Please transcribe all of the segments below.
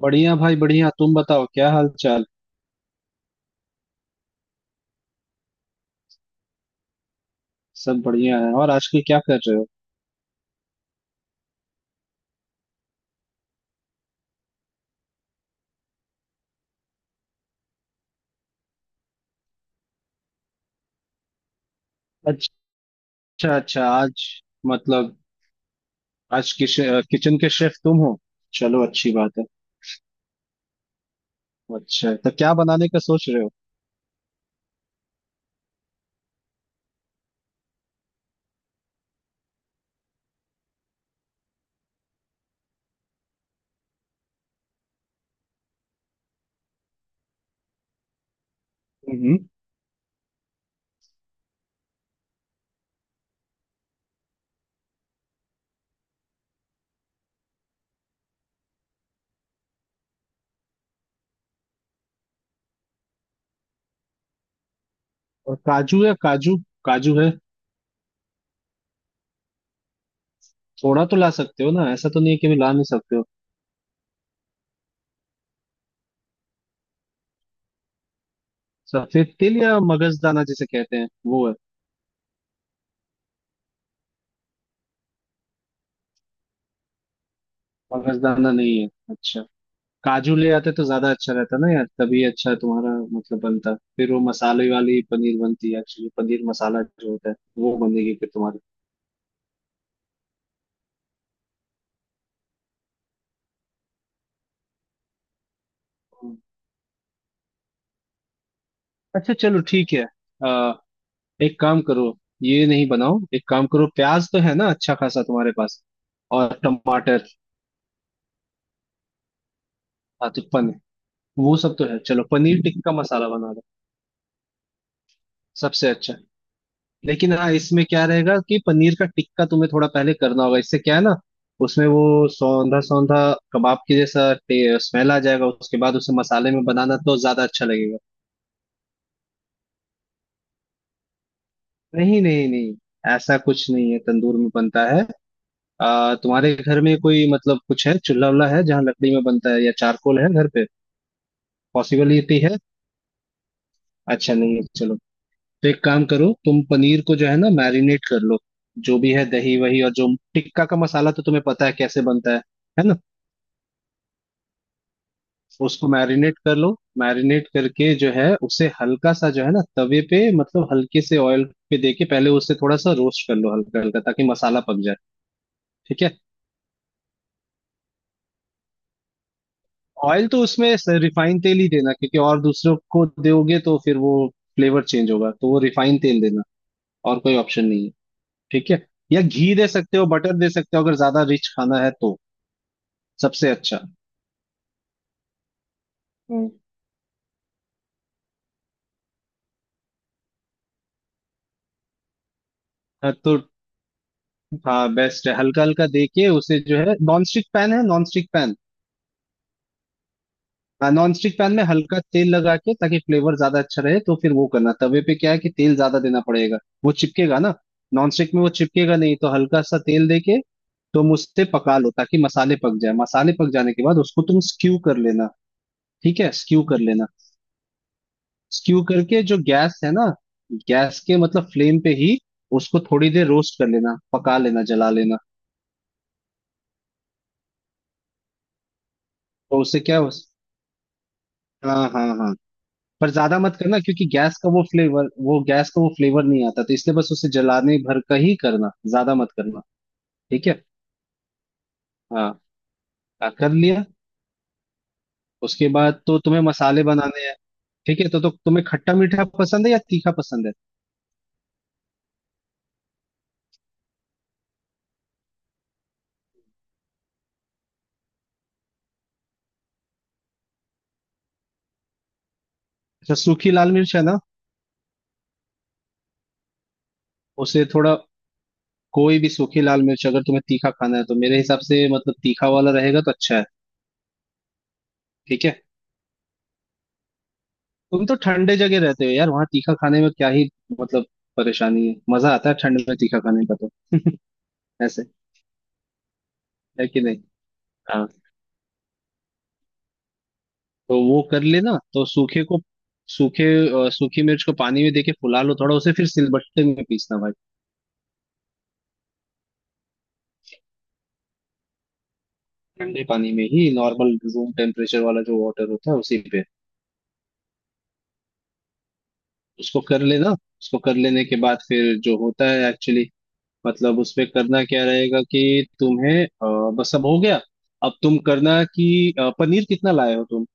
बढ़िया भाई बढ़िया। तुम बताओ, क्या हाल चाल। सब बढ़िया है। और आजकल क्या कर रहे हो? अच्छा। अच्छा आज मतलब आज किचन के शेफ तुम हो? चलो अच्छी बात है। अच्छा, तो क्या बनाने का सोच रहे हो? हम्म। और काजू है? काजू, काजू है? थोड़ा तो ला सकते हो ना, ऐसा तो नहीं है कि भी ला नहीं सकते हो। सफेद तिल या मगजदाना जिसे कहते हैं वो है? मगजदाना नहीं है, अच्छा। काजू ले आते तो ज्यादा अच्छा रहता ना यार, तभी अच्छा तुम्हारा, मतलब बनता। फिर वो मसाले वाली पनीर बनती है, एक्चुअली पनीर मसाला जो होता है, वो बनेगी फिर तुम्हारी। हम्म। अच्छा चलो ठीक है। आ, एक काम करो, ये नहीं बनाओ। एक काम करो, प्याज तो है ना अच्छा खासा तुम्हारे पास? और टमाटर? हाँ, तो पनीर, वो सब तो है। चलो पनीर टिक्का मसाला बना दो, सबसे अच्छा। लेकिन हाँ, इसमें क्या रहेगा कि पनीर का टिक्का तुम्हें थोड़ा पहले करना होगा, इससे क्या है ना, उसमें वो सौंधा सौंधा कबाब के जैसा स्मेल आ जाएगा। उसके बाद उसे मसाले में बनाना तो ज्यादा अच्छा लगेगा। नहीं नहीं नहीं, ऐसा कुछ नहीं है तंदूर में बनता है। तुम्हारे घर में कोई, मतलब कुछ है, चूल्हा वुल्हा है जहाँ लकड़ी में बनता है, या चारकोल है घर पे? पॉसिबिलिटी है? अच्छा नहीं है, चलो। तो एक काम करो, तुम पनीर को जो है ना मैरिनेट कर लो, जो भी है दही वही। और जो टिक्का का मसाला तो तुम्हें पता है कैसे बनता है ना। उसको मैरिनेट कर लो। मैरिनेट करके जो है उसे हल्का सा, जो है ना तवे पे, मतलब हल्के से ऑयल पे दे के पहले उसे थोड़ा सा रोस्ट कर लो, हल्का हल्का, ताकि मसाला पक जाए। ठीक है। ऑयल तो उसमें रिफाइंड तेल ही देना, क्योंकि और दूसरों को दोगे तो फिर वो फ्लेवर चेंज होगा, तो वो रिफाइंड तेल देना। और कोई ऑप्शन नहीं है। ठीक है, या घी दे सकते हो, बटर दे सकते हो, अगर ज्यादा रिच खाना है तो। सबसे अच्छा। हम्म। हाँ, तो हाँ बेस्ट है। हल्का हल्का दे के, उसे जो है नॉन स्टिक पैन है, non stick pan, non stick pan में हल्का तेल लगा के ताकि फ्लेवर ज्यादा अच्छा रहे। तो फिर वो करना तवे पे क्या है कि तेल ज्यादा देना पड़ेगा, वो चिपकेगा ना। नॉन स्टिक में वो चिपकेगा नहीं, तो हल्का सा तेल दे के तुम उससे पका लो ताकि मसाले पक जाए। मसाले पक जाने के बाद उसको तुम स्क्यू कर लेना। ठीक है, स्क्यू कर लेना। स्क्यू करके, जो गैस है ना, गैस के मतलब फ्लेम पे ही उसको थोड़ी देर रोस्ट कर लेना, पका लेना, जला लेना। तो उससे क्या हो, हाँ हाँ हाँ। पर ज्यादा मत करना, क्योंकि गैस का वो फ्लेवर, वो गैस का वो फ्लेवर नहीं आता, तो इसलिए बस उसे जलाने भर का ही करना, ज्यादा मत करना। ठीक है। हाँ, हाँ, कर लिया। उसके बाद तो तुम्हें मसाले बनाने हैं। ठीक है तो तुम्हें खट्टा मीठा पसंद है या तीखा पसंद है? अच्छा, सूखी लाल मिर्च है ना? उसे थोड़ा, कोई भी सूखी लाल मिर्च, अगर तुम्हें तीखा खाना है तो मेरे हिसाब से, मतलब तीखा वाला रहेगा तो अच्छा है। ठीक है। तुम तो ठंडे जगह रहते हो यार, वहाँ तीखा खाने में क्या ही, मतलब परेशानी है, मजा आता है ठंड में तीखा खाने का तो। ऐसे है कि नहीं। तो वो कर लेना, तो सूखे को, सूखे सूखी मिर्च को पानी में देके फुला लो थोड़ा, उसे फिर सिलबट्टे में पीसना भाई। ठंडे पानी में ही, नॉर्मल रूम टेम्परेचर वाला जो वाटर होता है उसी पे उसको कर लेना। उसको कर लेने के बाद फिर जो होता है एक्चुअली, मतलब उसमें करना क्या रहेगा कि तुम्हें बस, अब हो गया। अब तुम करना कि पनीर कितना लाए हो तुम?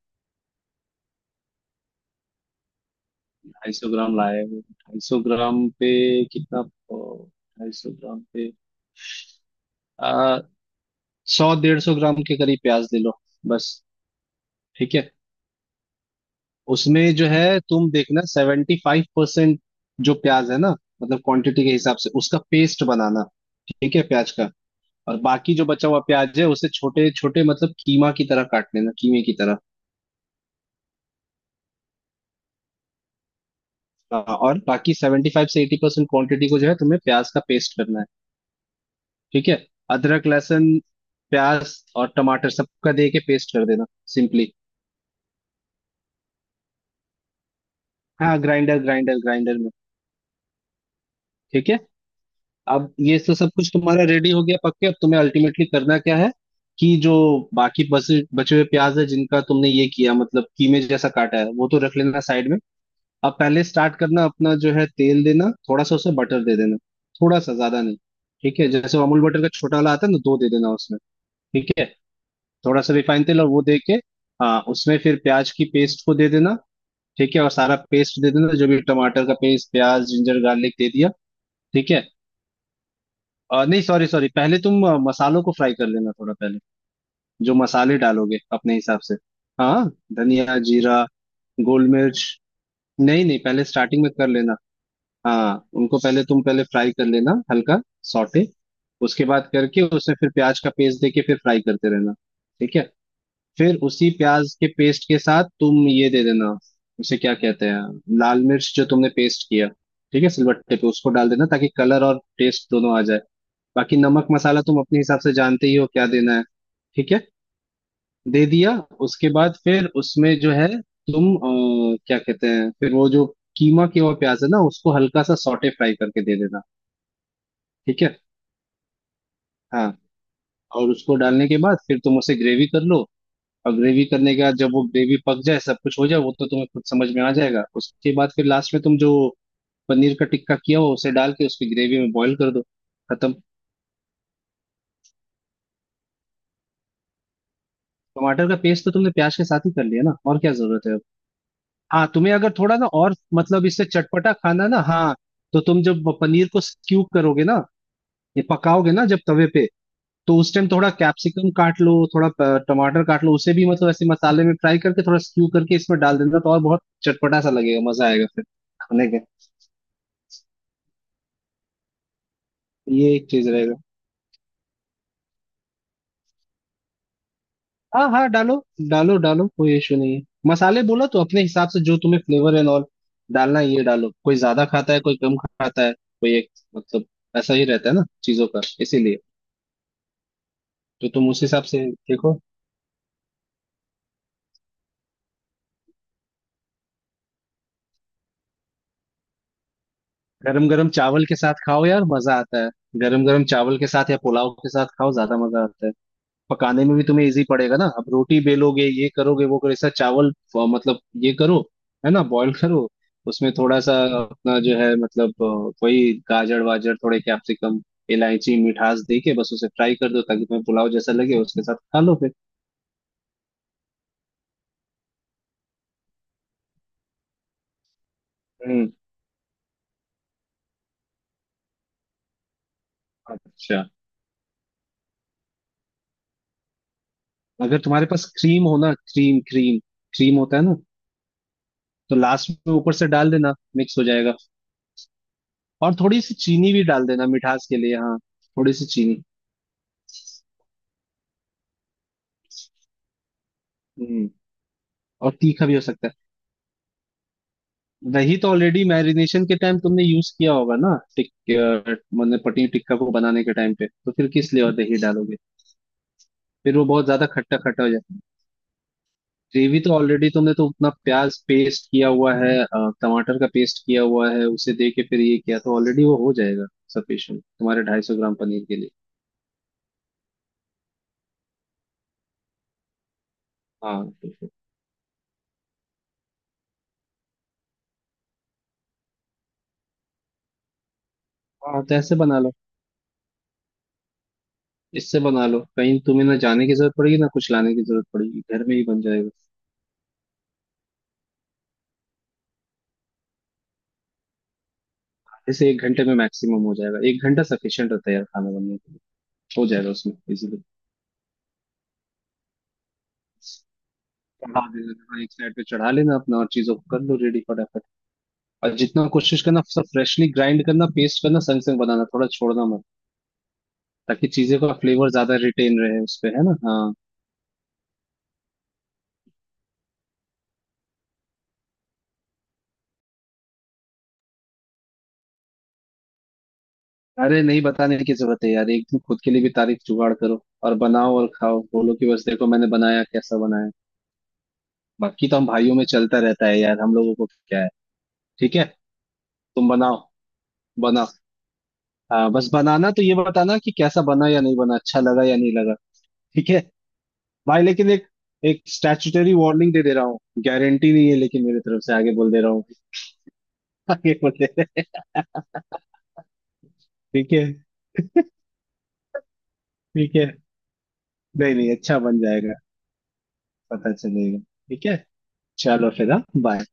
ढाई सौ ग्राम लाए हो, ढाई सौ ग्राम पे कितना 250 ग्राम पे आ, 100 150 ग्राम के करीब प्याज ले लो, बस। ठीक है। उसमें जो है तुम देखना 75%, जो प्याज है ना, मतलब क्वांटिटी के हिसाब से उसका पेस्ट बनाना। ठीक है प्याज का। और बाकी जो बचा हुआ प्याज है उसे छोटे छोटे, मतलब कीमा की तरह काट लेना, कीमे की तरह। हाँ, और बाकी 75 से 80% क्वांटिटी को जो है तुम्हें प्याज का पेस्ट करना है। ठीक है। अदरक लहसुन प्याज और टमाटर सबका दे के पेस्ट कर देना, सिंपली। हाँ, ग्राइंडर ग्राइंडर, ग्राइंडर में। ठीक है। अब ये तो सब कुछ तुम्हारा रेडी हो गया, पक्के। अब तुम्हें अल्टीमेटली करना क्या है कि जो बाकी बचे बचे हुए प्याज है जिनका तुमने ये किया, मतलब कीमे जैसा काटा है, वो तो रख लेना साइड में। अब पहले स्टार्ट करना, अपना जो है तेल देना थोड़ा सा, उसे बटर दे देना, थोड़ा सा, ज्यादा नहीं। ठीक है जैसे वो अमूल बटर का छोटा वाला आता है ना, 2 दे देना उसमें। ठीक है। थोड़ा सा रिफाइन तेल और वो दे के, हाँ उसमें फिर प्याज की पेस्ट को दे देना। ठीक है, और सारा पेस्ट दे देना, जो भी टमाटर का पेस्ट, प्याज, जिंजर गार्लिक दे दिया। ठीक है। नहीं सॉरी सॉरी, पहले तुम मसालों को फ्राई कर लेना थोड़ा पहले, जो मसाले डालोगे अपने हिसाब से। हाँ, धनिया जीरा, गोल मिर्च। नहीं नहीं, पहले स्टार्टिंग में कर लेना। हाँ उनको पहले तुम पहले फ्राई कर लेना, हल्का सॉटे। उसके बाद करके उसे फिर प्याज का पेस्ट देके फिर फ्राई करते रहना। ठीक है। फिर उसी प्याज के पेस्ट के साथ तुम ये दे देना, उसे क्या कहते हैं, लाल मिर्च जो तुमने पेस्ट किया। ठीक है, सिलबट्टे पे उसको डाल देना ताकि कलर और टेस्ट दोनों आ जाए। बाकी नमक मसाला तुम अपने हिसाब से जानते ही हो क्या देना है। ठीक है, दे दिया। उसके बाद फिर उसमें जो है तुम क्या कहते हैं, फिर वो जो कीमा के हुआ प्याज है ना उसको हल्का सा सॉटे फ्राई करके दे देना। ठीक है। हाँ, और उसको डालने के बाद फिर तुम उसे ग्रेवी कर लो। और ग्रेवी करने के बाद जब वो ग्रेवी पक जाए, सब कुछ हो जाए, वो तो तुम्हें खुद समझ में आ जाएगा। उसके बाद फिर लास्ट में तुम जो पनीर का टिक्का किया हो उसे डाल के उसकी ग्रेवी में बॉईल कर दो, खत्म। टमाटर का पेस्ट तो तुमने प्याज के साथ ही कर लिया ना, और क्या जरूरत है। हाँ, तुम्हें अगर थोड़ा ना और, मतलब इससे चटपटा खाना ना, हाँ, तो तुम जब पनीर को स्क्यू करोगे ना, ये पकाओगे ना जब तवे पे, तो उस टाइम थोड़ा कैप्सिकम काट लो, थोड़ा टमाटर काट लो, उसे भी मतलब ऐसे मसाले में फ्राई करके थोड़ा स्क्यू करके इसमें डाल देना, तो और बहुत चटपटा सा लगेगा, मजा आएगा फिर खाने का। ये एक चीज रहेगा। हाँ हाँ डालो, डालो डालो, कोई इशू नहीं है। मसाले बोला तो अपने हिसाब से, जो तुम्हें फ्लेवर एंड ऑल डालना है ये डालो। कोई ज्यादा खाता है, कोई कम खाता है, कोई एक, मतलब ऐसा ही रहता है ना चीजों का, इसीलिए। तो तुम उस हिसाब से देखो। गरम गरम चावल के साथ खाओ यार, मजा आता है। गरम गरम चावल के साथ या पुलाव के साथ खाओ, ज्यादा मजा आता है। पकाने में भी तुम्हें इजी पड़ेगा ना, अब रोटी बेलोगे, ये करोगे, वो करोगे, ऐसा चावल, मतलब ये करो, है ना, बॉईल करो। उसमें थोड़ा सा अपना जो है, मतलब वही गाजर वाजर, थोड़े कैप्सिकम, इलायची, मिठास दे के बस उसे फ्राई कर दो, ताकि तुम्हें पुलाव जैसा लगे उसके साथ खा लो फिर। हम्म। अच्छा, अगर तुम्हारे पास क्रीम हो ना, क्रीम क्रीम, क्रीम होता है ना, तो लास्ट में ऊपर से डाल देना, मिक्स हो जाएगा। और थोड़ी सी चीनी भी डाल देना, मिठास के लिए हाँ, थोड़ी सी चीनी। हम्म, और तीखा भी हो सकता है। दही तो ऑलरेडी मैरिनेशन के टाइम तुमने यूज किया होगा ना, मतलब पनीर टिक्का को बनाने के टाइम पे, तो फिर किस लिए और दही डालोगे? फिर वो बहुत ज्यादा खट्टा खट्टा हो जाता है। ग्रेवी तो ऑलरेडी तुमने, तो उतना प्याज पेस्ट किया हुआ है, टमाटर का पेस्ट किया हुआ है, उसे दे के फिर ये किया तो ऑलरेडी वो हो जाएगा सफिशियंट तुम्हारे 250 ग्राम पनीर के लिए। हाँ बिल्कुल। हाँ तो ऐसे बना लो। इससे बना लो, कहीं तुम्हें ना जाने की जरूरत पड़ेगी, ना कुछ लाने की जरूरत पड़ेगी, घर में ही बन जाएगा। आधे से 1 घंटे में मैक्सिमम हो जाएगा, 1 घंटा सफिशियंट होता है यार खाना बनने के लिए। हो जाएगा उसमें इजीली। चढ़ा देना, थोड़ा एक साइड पे चढ़ा लेना अपना, और चीजों को कर लो रेडी फटाफट। और जितना कोशिश करना सब फ्रेशली ग्राइंड करना, पेस्ट करना, संग संग बनाना, थोड़ा छोड़ना मत, ताकि चीजों का फ्लेवर ज्यादा रिटेन रहे उस पे, है ना, हाँ। अरे नहीं बताने की जरूरत है यार, एक दिन खुद के लिए भी तारीफ जुगाड़ करो और बनाओ और खाओ, बोलो कि बस देखो मैंने बनाया, कैसा बनाया। बाकी तो हम भाइयों में चलता रहता है यार, हम लोगों को क्या है। ठीक है, तुम बनाओ, बनाओ। हाँ, बस बनाना तो ये बताना कि कैसा बना या नहीं बना, अच्छा लगा या नहीं लगा। ठीक है भाई, लेकिन एक, एक स्टैट्यूटरी वार्निंग दे दे रहा हूँ, गारंटी नहीं है, लेकिन मेरे तरफ से आगे बोल दे रहा हूँ। आगे बोल दे रहे हैं। ठीक है। ठीक है। नहीं नहीं, अच्छा बन जाएगा, पता चलेगा। ठीक है, चलो फिर, हाँ बाय।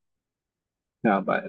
हाँ bye।